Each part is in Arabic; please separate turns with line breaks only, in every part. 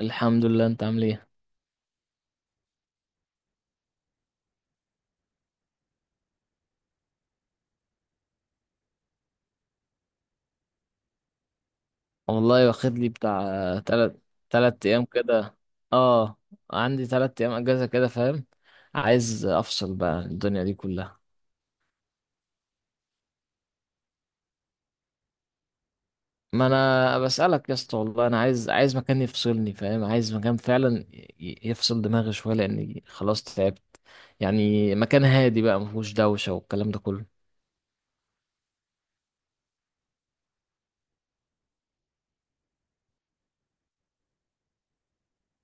الحمد لله، انت عامل ايه؟ والله واخد لي بتاع تلات تلات ايام كده. اه، عندي تلات ايام اجازة كده، فاهم. عايز افصل بقى عن الدنيا دي كلها. ما انا بسألك يا اسطى، والله انا عايز مكان يفصلني، فاهم، عايز مكان فعلا يفصل دماغي شوية لاني خلاص تعبت. يعني مكان هادي بقى، مفهوش دوشة والكلام ده كله.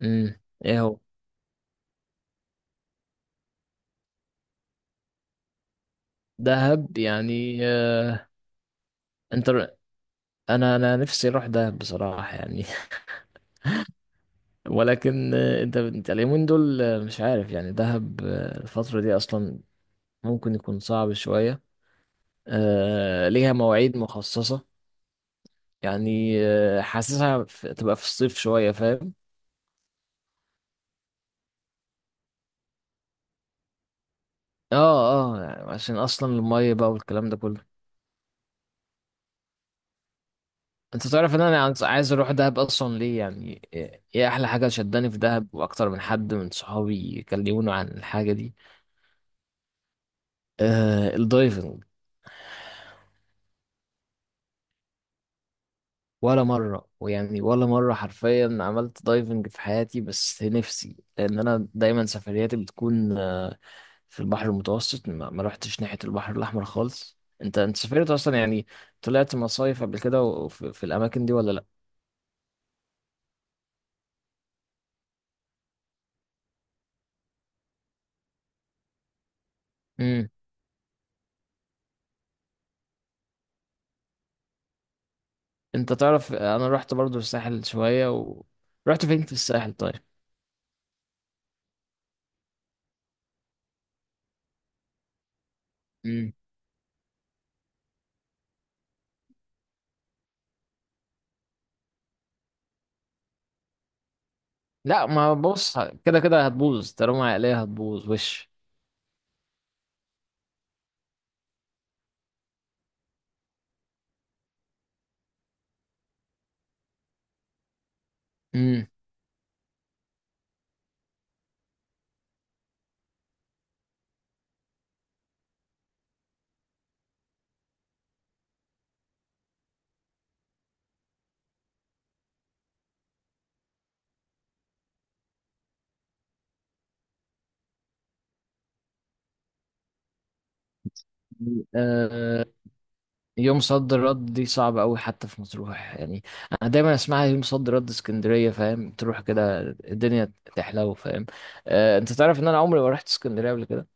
ايه هو؟ دهب يعني. انت. انا نفسي اروح دهب بصراحة يعني ولكن انت اليومين دول، مش عارف، يعني دهب الفترة دي اصلا ممكن يكون صعب شوية. ليها مواعيد مخصصة. يعني حاسسها تبقى في الصيف شوية، فاهم. اه. اه يعني عشان اصلا المية بقى والكلام ده كله. انت تعرف ان انا عايز اروح دهب، اصلا ليه؟ يعني إيه احلى حاجة شداني في دهب؟ واكتر من حد من صحابي كلموني عن الحاجة دي. آه، الدايفنج. ولا مرة، ويعني ولا مرة حرفيا عملت دايفنج في حياتي، بس نفسي لأن أنا دايما سفرياتي بتكون في البحر المتوسط. ما روحتش ناحية البحر الأحمر خالص. أنت سافرت أصلا يعني؟ طلعت مصايف قبل كده، وفي الأماكن دي ولا لأ؟ امم. أنت تعرف، أنا رحت برضو الساحل شوية و رحت فين في الساحل طيب؟ امم. لا، ما بص، كده كده هتبوظ، طالما عقلية هتبوظ وش. امم. يوم صد رد دي صعبة أوي حتى في مطروح يعني. أنا دايما أسمعها، يوم صد رد اسكندرية، فاهم، تروح كده الدنيا تحلو، فاهم. آه، أنت تعرف إن أنا عمري ما رحت اسكندرية قبل كده.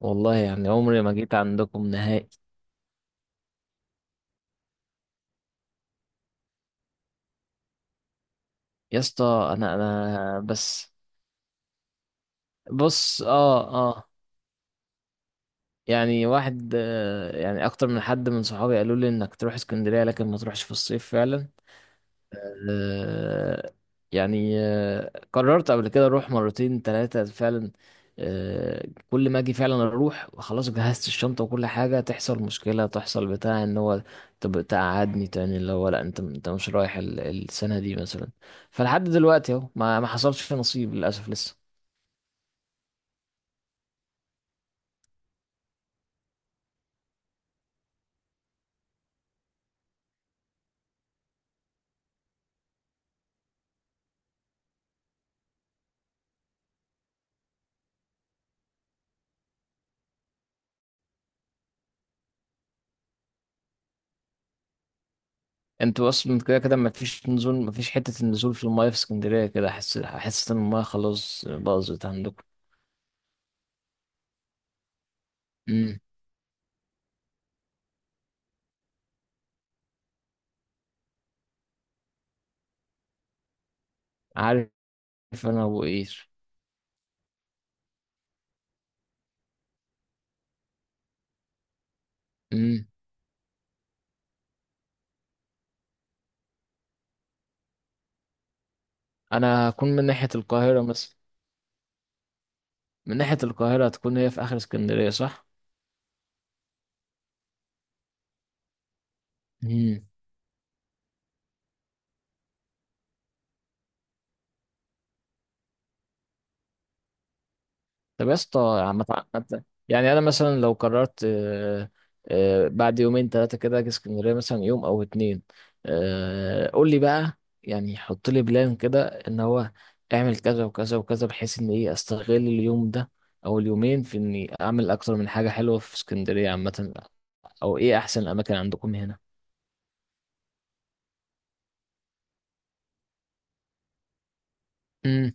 والله يعني عمري ما جيت عندكم نهائي. يا اسطى، أنا بس، بص، آه. آه. يعني واحد يعني أكتر من حد من صحابي قالوا لي إنك تروح اسكندرية، لكن ما تروحش في الصيف فعلا. آه. يعني قررت قبل كده اروح مرتين ثلاثة فعلا. كل ما اجي فعلا اروح، خلاص جهزت الشنطة وكل حاجة، تحصل مشكلة، تحصل بتاع ان هو طب تقعدني تاني اللي هو لا، انت مش رايح السنة دي مثلا. فلحد دلوقتي اهو ما حصلش نصيب للاسف لسه. انتوا اصلا كده كده ما فيش نزول، ما فيش حتة النزول في المايه في اسكندرية. كده احس ان المايه خلاص باظت عندكم. امم. عارف. انا ابو قير. انا هكون من ناحية القاهرة مثلا. من ناحية القاهرة هتكون هي في اخر اسكندرية، صح؟ امم. طب يا اسطى، عم تع- عم ت- يعني انا مثلا لو قررت، بعد يومين ثلاثة كده اجي اسكندرية مثلا يوم او اتنين. قول لي بقى، يعني حط لي بلان كده ان هو اعمل كذا وكذا وكذا، بحيث ان ايه استغل اليوم ده او اليومين في اني اعمل اكتر من حاجة حلوة في اسكندرية عامة. او ايه احسن الاماكن عندكم هنا؟ امم.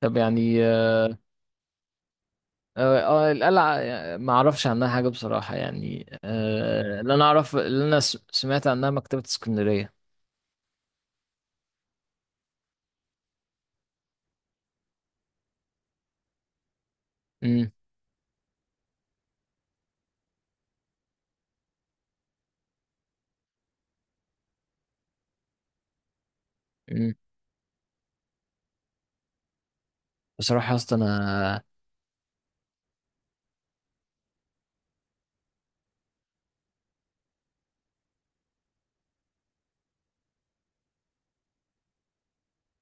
طب يعني، اه. القلعة، ما اعرفش عنها حاجة بصراحة يعني. اللي انا اعرف، اللي انا سمعت عنها مكتبة اسكندرية. امم. امم. بصراحة يا اسطى انا.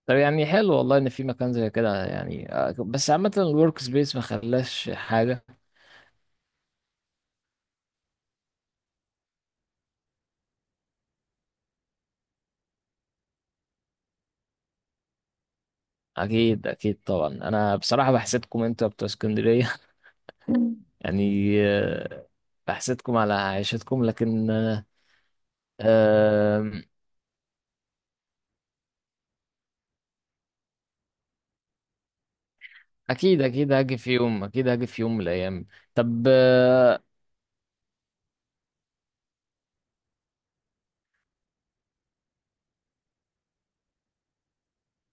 طب يعني حلو والله ان في مكان زي كده يعني. بس عامة الورك سبيس ما خلاش حاجة. اكيد اكيد طبعا، انا بصراحة بحسدكم انتوا بتوع اسكندرية يعني بحسدكم على عيشتكم، لكن آم، اكيد اكيد هاجي في يوم، اكيد هاجي في يوم من الايام. طب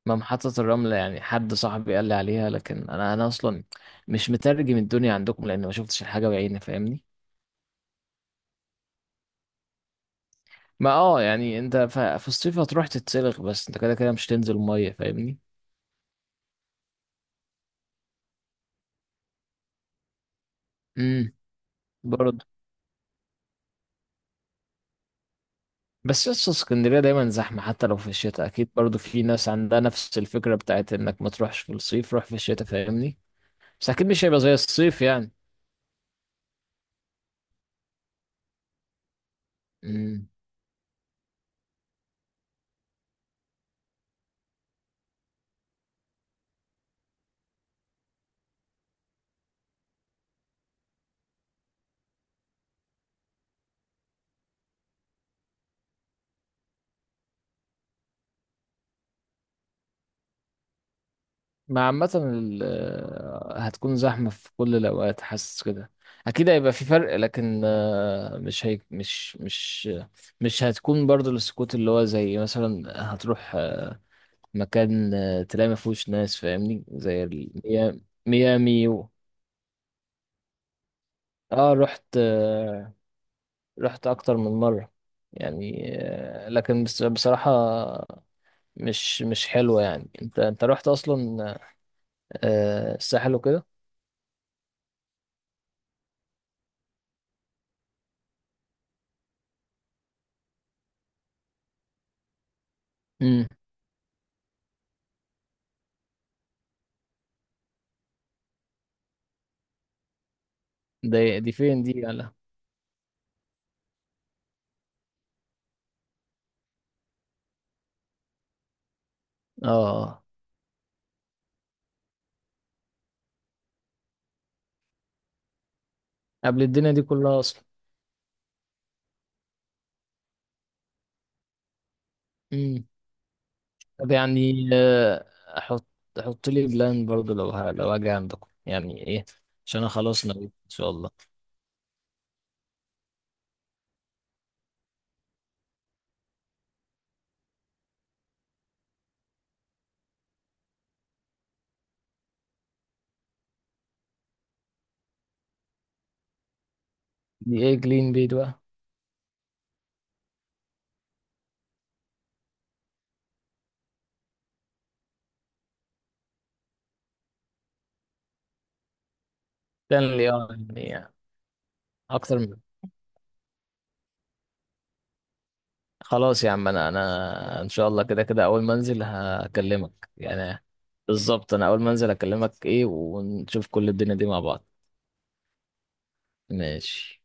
ما محطة الرمل، يعني حد صاحبي قال لي عليها، لكن انا اصلا مش مترجم الدنيا عندكم، لان ما شفتش الحاجة بعيني فاهمني. ما اه يعني انت في الصيف هتروح تتسلق، بس انت كده كده مش تنزل مية فاهمني. امم. برضه. بس لسه اسكندرية دايما زحمة، حتى لو في الشتاء اكيد برضه في ناس عندها نفس الفكرة بتاعت انك ما تروحش في الصيف، روح في الشتاء فاهمني. بس اكيد مش هيبقى زي الصيف يعني. مع عامة هتكون زحمة في كل الأوقات، حاسس كده. أكيد هيبقى في فرق، لكن مش هي مش مش هتكون برضو السكوت اللي هو زي مثلا هتروح مكان تلاقي ما فيهوش ناس، فاهمني، زي ميامي و. اه رحت رحت أكتر من مرة. يعني لكن بصراحة مش حلوة يعني. انت رحت أصلا الساحل وكده؟ امم. ده دي فين دي يعني؟ اه. قبل الدنيا دي كلها اصلا. امم. طب يعني، احط احط لي بلان برضو لو لو اجي عندكم يعني ايه، عشان انا خلاص نويت ان شاء الله. دي ايه جلين بيد بقى؟ بلان لي، اه. يعني اكتر من. خلاص يا عم، انا ان شاء الله كده كده اول ما انزل هكلمك يعني. بالظبط، انا اول ما انزل هكلمك ايه، ونشوف كل الدنيا دي مع بعض. ماشي.